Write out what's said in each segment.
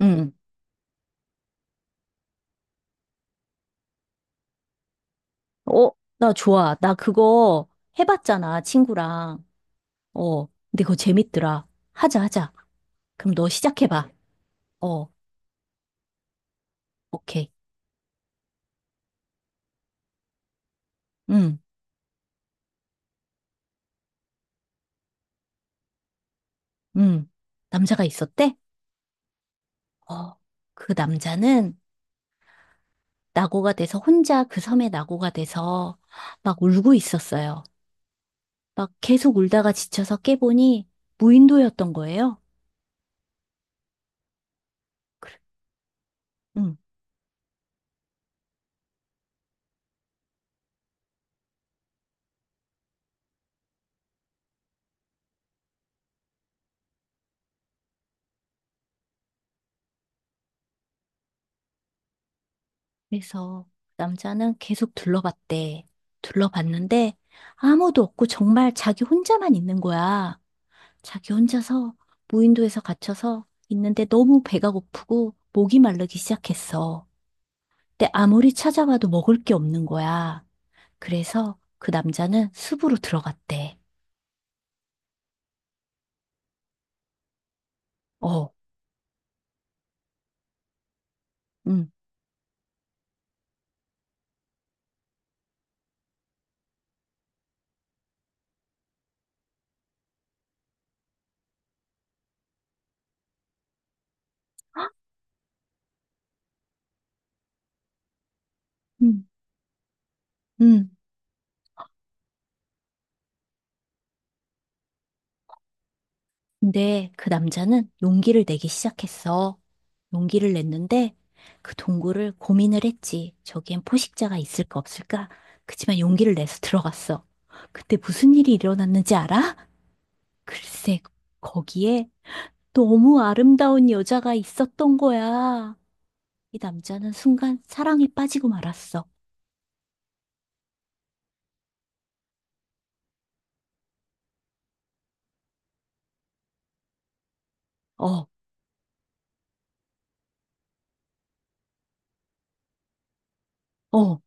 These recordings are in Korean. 응. 어, 나 좋아. 나 그거 해봤잖아, 친구랑. 어, 근데 그거 재밌더라. 하자, 하자. 그럼 너 시작해봐. 어, 오케이. 응, 응. 남자가 있었대? 어, 그 남자는 낙오가 돼서 혼자 그 섬에 낙오가 돼서 막 울고 있었어요. 막 계속 울다가 지쳐서 깨보니 무인도였던 거예요. 응. 그래서 남자는 계속 둘러봤대. 둘러봤는데 아무도 없고 정말 자기 혼자만 있는 거야. 자기 혼자서 무인도에서 갇혀서 있는데 너무 배가 고프고 목이 마르기 시작했어. 근데 아무리 찾아봐도 먹을 게 없는 거야. 그래서 그 남자는 숲으로 들어갔대. 어, 응, 응, 응. 근데 그 남자는 용기를 내기 시작했어. 용기를 냈는데 그 동굴을 고민을 했지. 저기엔 포식자가 있을까 없을까? 그치만 용기를 내서 들어갔어. 그때 무슨 일이 일어났는지 알아? 글쎄, 거기에 너무 아름다운 여자가 있었던 거야. 이 남자는 순간 사랑에 빠지고 말았어. 어, 어,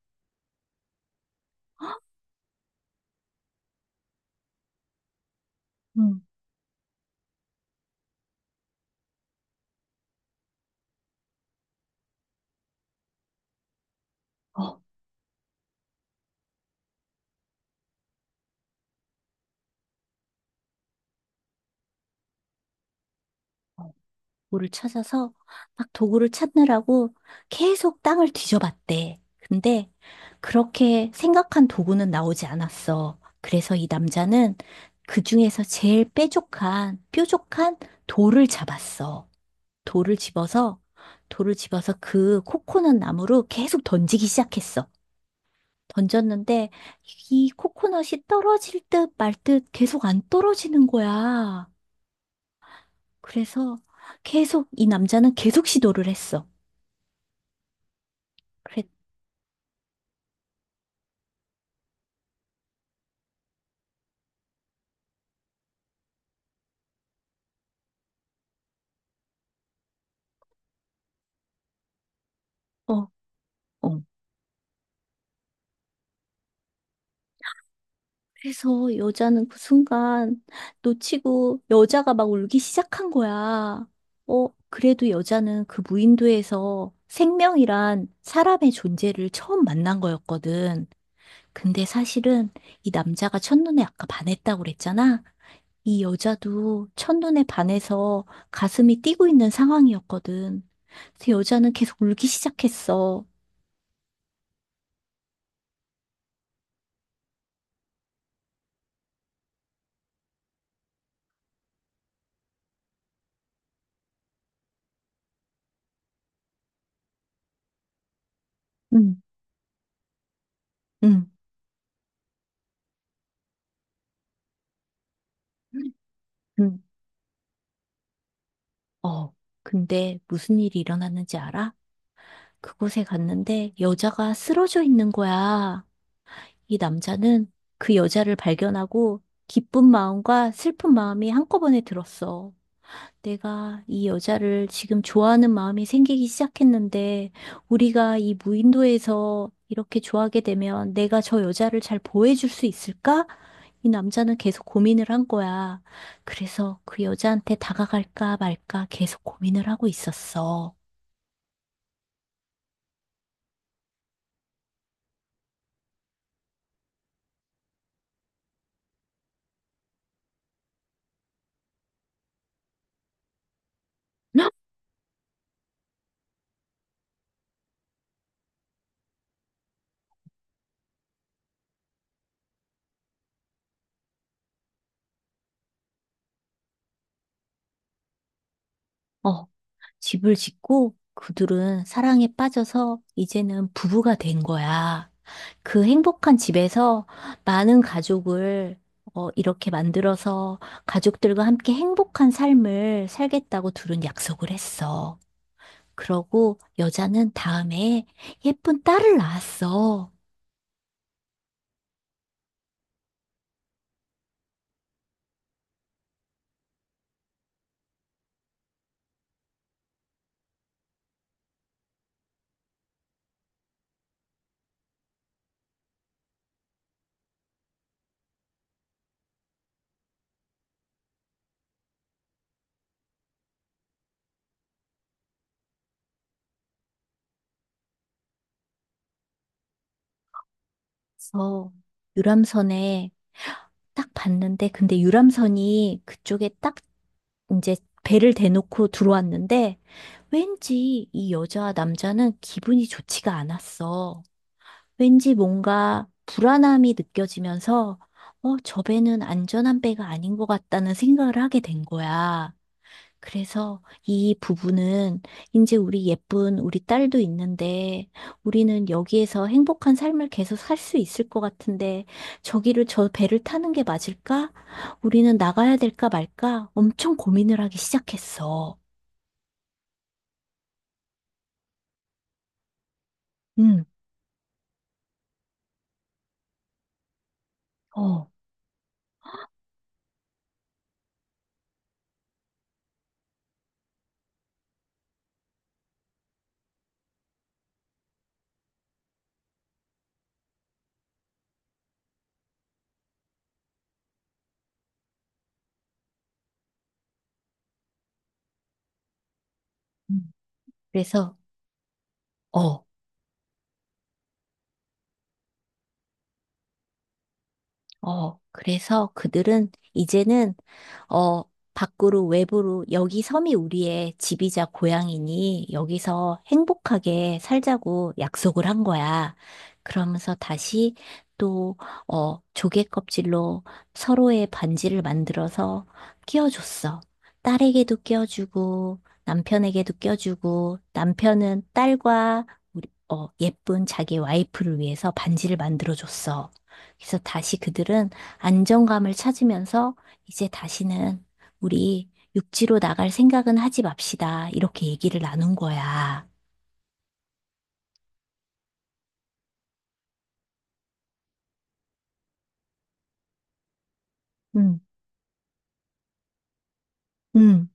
응, 어. 어. 도구를 찾아서 막 도구를 찾느라고 계속 땅을 뒤져봤대. 근데 그렇게 생각한 도구는 나오지 않았어. 그래서 이 남자는 그 중에서 제일 뾰족한 돌을 잡았어. 돌을 집어서, 돌을 집어서 그 코코넛 나무로 계속 던지기 시작했어. 던졌는데 이 코코넛이 떨어질 듯 말듯 계속 안 떨어지는 거야. 그래서 계속 이 남자는 계속 시도를 했어. 그랬, 어, 어. 그래서 여자는 그 순간 놓치고 여자가 막 울기 시작한 거야. 어, 그래도 여자는 그 무인도에서 생명이란 사람의 존재를 처음 만난 거였거든. 근데 사실은 이 남자가 첫눈에 아까 반했다고 그랬잖아. 이 여자도 첫눈에 반해서 가슴이 뛰고 있는 상황이었거든. 그래서 여자는 계속 울기 시작했어. 응, 응. 응. 어, 근데 무슨 일이 일어났는지 알아? 그곳에 갔는데 여자가 쓰러져 있는 거야. 이 남자는 그 여자를 발견하고 기쁜 마음과 슬픈 마음이 한꺼번에 들었어. 내가 이 여자를 지금 좋아하는 마음이 생기기 시작했는데 우리가 이 무인도에서 이렇게 좋아하게 되면 내가 저 여자를 잘 보호해줄 수 있을까? 이 남자는 계속 고민을 한 거야. 그래서 그 여자한테 다가갈까 말까 계속 고민을 하고 있었어. 어, 집을 짓고 그들은 사랑에 빠져서 이제는 부부가 된 거야. 그 행복한 집에서 많은 가족을 어, 이렇게 만들어서 가족들과 함께 행복한 삶을 살겠다고 둘은 약속을 했어. 그러고 여자는 다음에 예쁜 딸을 낳았어. 그래서 유람선에 딱 봤는데, 근데 유람선이 그쪽에 딱 이제 배를 대놓고 들어왔는데 왠지 이 여자와 남자는 기분이 좋지가 않았어. 왠지 뭔가 불안함이 느껴지면서 어, 저 배는 안전한 배가 아닌 것 같다는 생각을 하게 된 거야. 그래서 이 부부는 이제 우리 예쁜 우리 딸도 있는데 우리는 여기에서 행복한 삶을 계속 살 수 있을 것 같은데 저기를 저 배를 타는 게 맞을까? 우리는 나가야 될까 말까? 엄청 고민을 하기 시작했어. 응, 어. 음. 그래서 어. 어, 그래서 그들은 이제는, 어, 밖으로, 외부로, 여기 섬이 우리의 집이자 고향이니 여기서 행복하게 살자고 약속을 한 거야. 그러면서 다시 또, 어, 조개 껍질로 서로의 반지를 만들어서 끼워줬어. 딸에게도 끼워주고, 남편에게도 끼워주고, 남편은 딸과 우리- 어, 예쁜 자기 와이프를 위해서 반지를 만들어줬어. 그래서 다시 그들은 안정감을 찾으면서 이제 다시는 우리 육지로 나갈 생각은 하지 맙시다. 이렇게 얘기를 나눈 거야. 음, 음,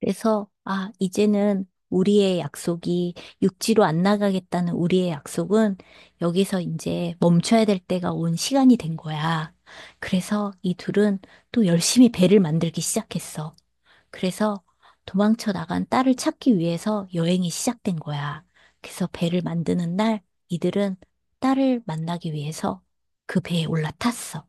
그래서, 아, 이제는 우리의 약속이 육지로 안 나가겠다는 우리의 약속은 여기서 이제 멈춰야 될 때가 온 시간이 된 거야. 그래서 이 둘은 또 열심히 배를 만들기 시작했어. 그래서 도망쳐 나간 딸을 찾기 위해서 여행이 시작된 거야. 그래서 배를 만드는 날 이들은 딸을 만나기 위해서 그 배에 올라탔어.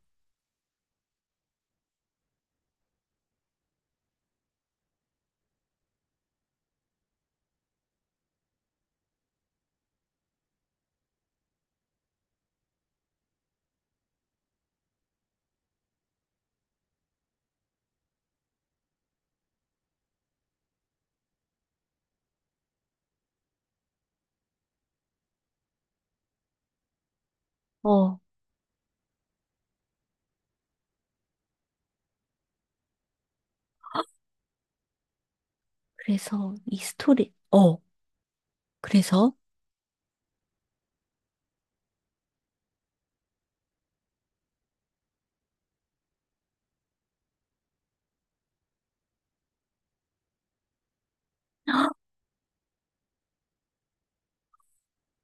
어. 그래서 이 스토리, 어. 그래서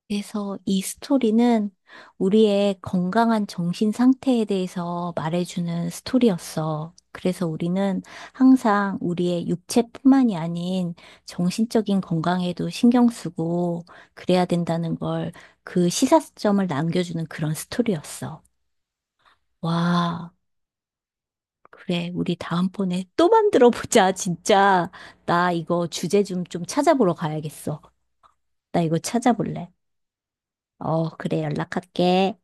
그래서 이 스토리는 우리의 건강한 정신 상태에 대해서 말해주는 스토리였어. 그래서 우리는 항상 우리의 육체뿐만이 아닌 정신적인 건강에도 신경 쓰고 그래야 된다는 걸 그 시사점을 남겨주는 그런 스토리였어. 와, 그래. 우리 다음번에 또 만들어 보자, 진짜. 나 이거 주제 좀, 찾아보러 가야겠어. 나 이거 찾아볼래. 어, 그래. 연락할게.